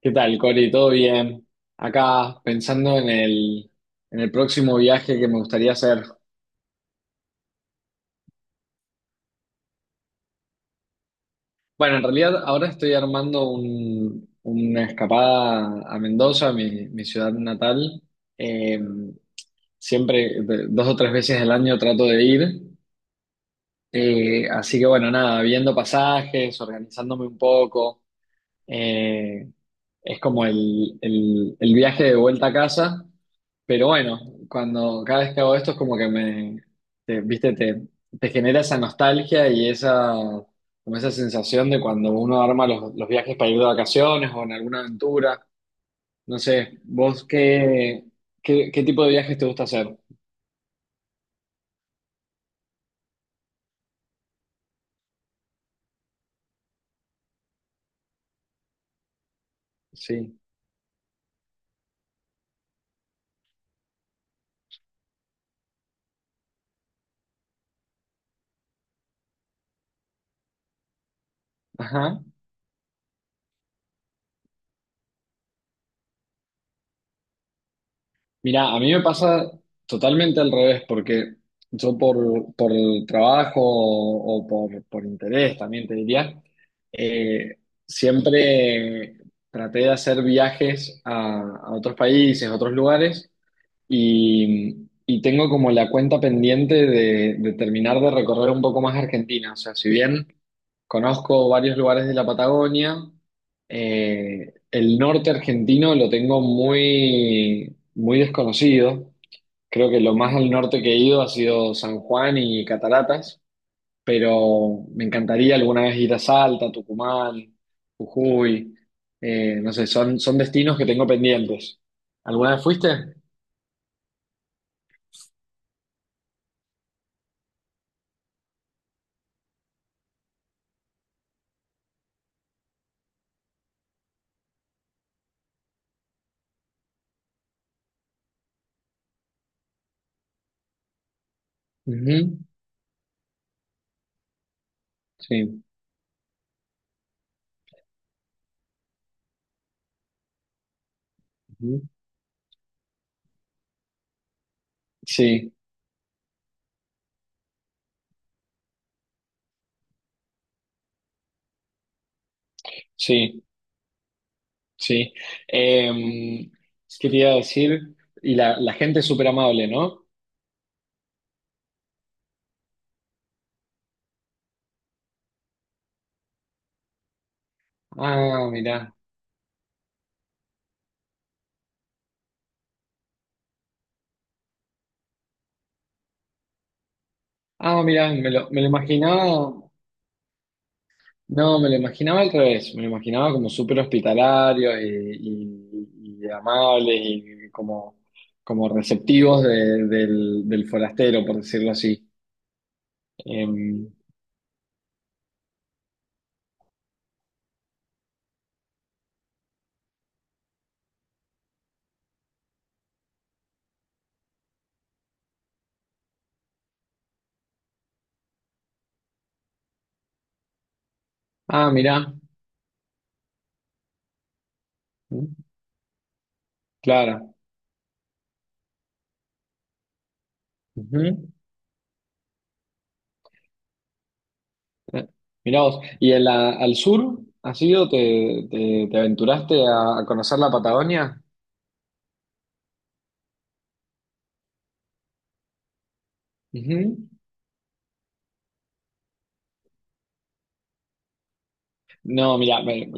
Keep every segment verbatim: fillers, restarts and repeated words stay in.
¿Qué tal, Cori? ¿Todo bien? Acá pensando en el, en el próximo viaje que me gustaría hacer. Bueno, en realidad ahora estoy armando un- una escapada a Mendoza, mi, mi ciudad natal. Eh, Siempre, de- dos o tres veces al año trato de ir. Eh, así que bueno, nada, viendo pasajes, organizándome un poco. Eh, Es como el, el, el viaje de vuelta a casa, pero bueno, cuando cada vez que hago esto es como que me, te- viste, te, te genera esa nostalgia y esa, como esa sensación de cuando uno arma los, los viajes para ir de vacaciones o en alguna aventura. No sé, ¿vos qué, ¿qué, qué tipo de viajes te gusta hacer? Sí. Ajá. Mira, a mí me pasa totalmente al revés, porque yo por, por el trabajo o, o por, por interés también te diría, eh, siempre traté de hacer viajes a, a otros países, a otros lugares, y, y tengo como la cuenta pendiente de, de terminar de recorrer un poco más Argentina. O sea, si bien conozco varios lugares de la Patagonia. Eh, el norte argentino lo tengo muy, muy desconocido. Creo que lo más al norte que he ido ha sido San Juan y Cataratas, pero me encantaría alguna vez ir a Salta, Tucumán, Jujuy. Eh, no sé, son, son destinos que tengo pendientes. ¿Alguna vez fuiste? Ujú. Sí. Ujú. Sí, sí. Sí. Eh, Quería decir, y la, la gente es súper amable, ¿no? Ah, mirá. Ah, mirá, me lo, me lo imaginaba. No, me lo imaginaba al revés. Me lo imaginaba como súper hospitalario y, y- y amable y como, como receptivos de- del, del forastero, por decirlo así. Eh, ah, mirá. Claro. Ujú. Eh, Mirá vos, ¿y en la- al sur has ido? ¿Te, te, te aventuraste a, a conocer la Patagonia? Ujú. No, mira, me-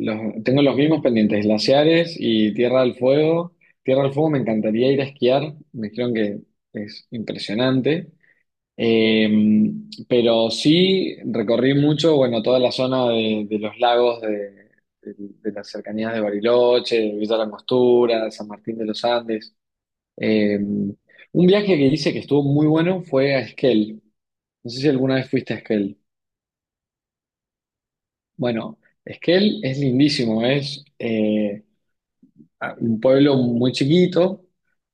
los- tengo los mismos pendientes, glaciares y Tierra del Fuego. Tierra del Fuego me encantaría ir a esquiar, me dijeron que es impresionante. Eh, pero sí recorrí mucho, bueno, toda la zona de, de los lagos de, de- de las cercanías de Bariloche, de Villa La Angostura, San Martín de los Andes. Eh, un viaje que hice que estuvo muy bueno fue a Esquel. No sé si alguna vez fuiste a Esquel. Bueno, Esquel es lindísimo, es eh, un pueblo muy chiquito,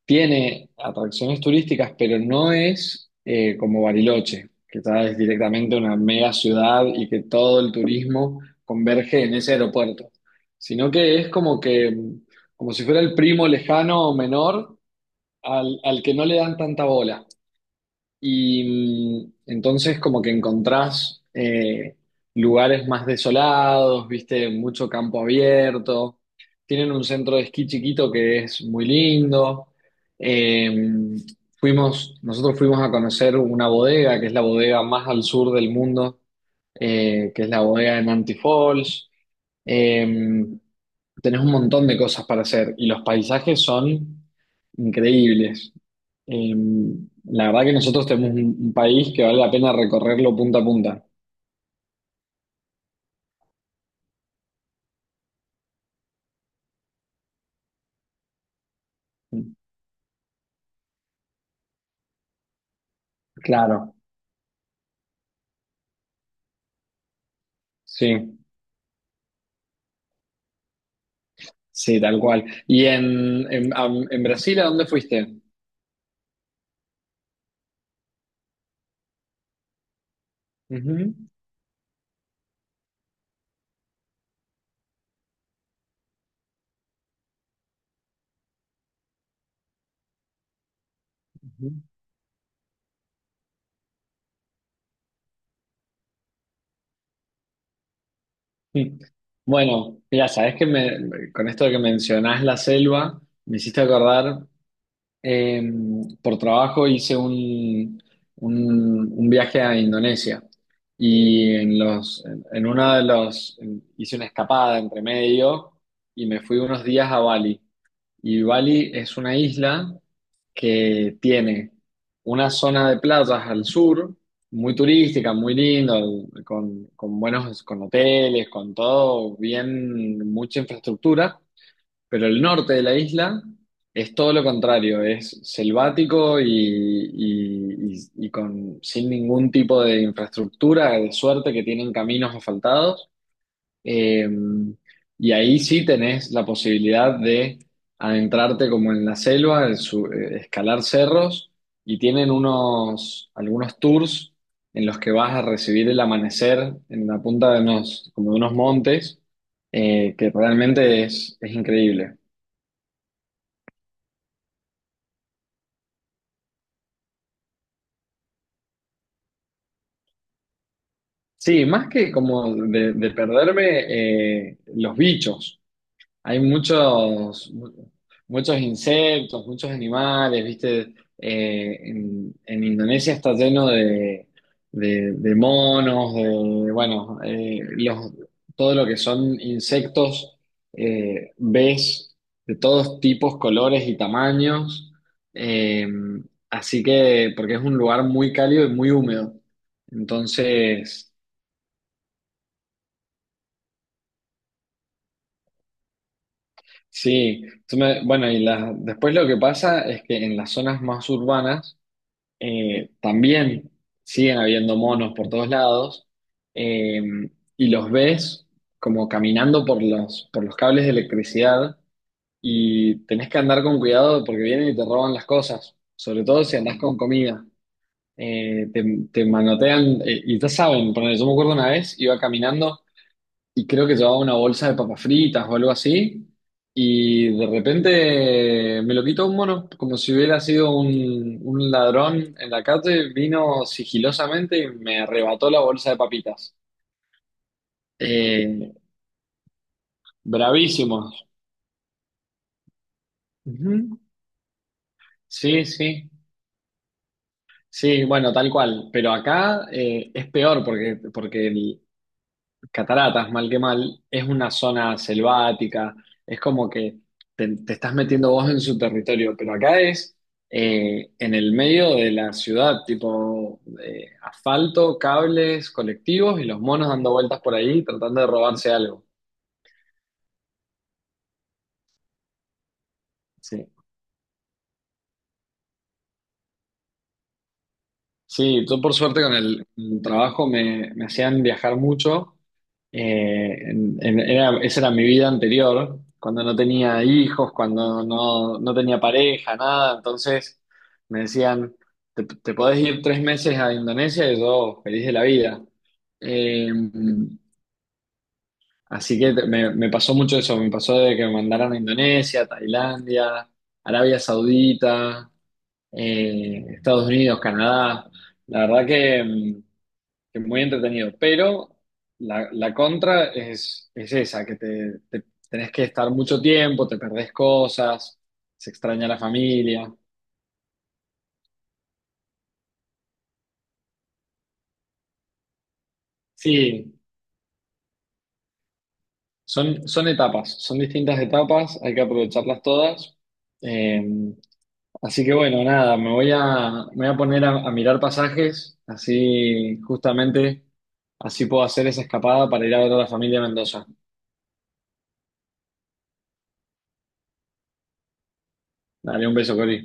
tiene atracciones turísticas, pero no es eh, como Bariloche, que está- es directamente una mega ciudad y que todo el turismo converge en ese aeropuerto, sino que es como que, como si fuera el primo lejano o menor al al que no le dan tanta bola. Y mm, entonces como que encontrás eh, lugares más desolados, viste, mucho campo abierto. Tienen un centro de esquí chiquito que es muy lindo. Eh, Fuimos, nosotros fuimos a conocer una bodega, que es la bodega más al sur del mundo, eh, que es la bodega de Nanty Falls. Eh, Tenés un montón de cosas para hacer y los paisajes son increíbles. Eh, la verdad que nosotros tenemos un, un país que vale la pena recorrerlo punta a punta. Claro, sí, sí, tal cual. ¿Y en, en, am- en Brasil a dónde fuiste? Ujú, ujú. Mm. Bueno, mira, sabes que me, con esto que mencionás la selva, me hiciste acordar. Eh, por trabajo hice un, un- un viaje a Indonesia y en los, en, en una de los, en- hice una escapada entre medio y me fui unos días a Bali. Y Bali es una isla que tiene una zona de playas al sur, muy turística, muy linda, con, con buenos, con hoteles, con todo, bien, mucha infraestructura. Pero el norte de la isla es todo lo contrario, es selvático y, y- y- y con, sin ningún tipo de infraestructura, de suerte que tienen caminos asfaltados. Eh, y ahí sí tenés la posibilidad de adentrarte como en la selva, el su- eh, escalar cerros y tienen unos, algunos tours en los que vas a recibir el amanecer en la punta de unos, como de unos montes, eh, que realmente es es increíble. Sí, más que como de, de perderme eh, los bichos. Hay muchos, mu- muchos insectos, muchos animales, ¿viste? Eh, en, en Indonesia está lleno de, de- de monos, de, bueno, eh, los, todo lo que son insectos, eh, ves de todos tipos, colores y tamaños. Eh, Así que, porque es un lugar muy cálido y muy húmedo. Entonces... Sí, tú me- bueno, y la- después lo que pasa es que en las zonas más urbanas eh, también siguen habiendo monos por todos lados, eh, y los ves como caminando por los, por los cables de electricidad y tenés que andar con cuidado porque vienen y te roban las cosas, sobre todo si andás con comida. Eh, te, te manotean, eh, y ya saben, ponele, yo me acuerdo una vez, iba caminando y creo que llevaba una bolsa de papas fritas o algo así, y de repente me lo quitó un mono, como si hubiera sido un, un ladrón en la calle, vino sigilosamente y me arrebató la bolsa de papitas. Eh, Bravísimos. Ujú. Sí, sí, sí, bueno, tal cual, pero acá eh, es peor porque, porque Cataratas, mal que mal, es una zona selvática, es como que te, te estás metiendo vos en su territorio, pero acá es eh, en el medio de la ciudad, tipo eh, asfalto, cables, colectivos y los monos dando vueltas por ahí tratando de robarse algo. Sí. Sí, yo por suerte con el, el trabajo me, me hacían viajar mucho. Eh, en- en- era- esa era mi vida anterior, cuando no tenía hijos, cuando no, no tenía pareja, nada. Entonces me decían, te, te podés ir tres meses a Indonesia y yo feliz de la vida. Eh, Así que te- me, me pasó mucho eso, me pasó de que me mandaran a Indonesia, Tailandia, Arabia Saudita, eh, Estados Unidos, Canadá. La verdad que... mm, que muy entretenido, pero la, la contra es, es esa, que te, te- tenés que estar mucho tiempo, te perdés cosas, se extraña la familia. Sí, son, son etapas, son distintas etapas, hay que aprovecharlas todas. Eh, Así que bueno, nada, me voy a, me voy a poner a, a mirar pasajes, así justamente, así puedo hacer esa escapada para ir a ver a la familia de Mendoza. Dale un beso, Cori.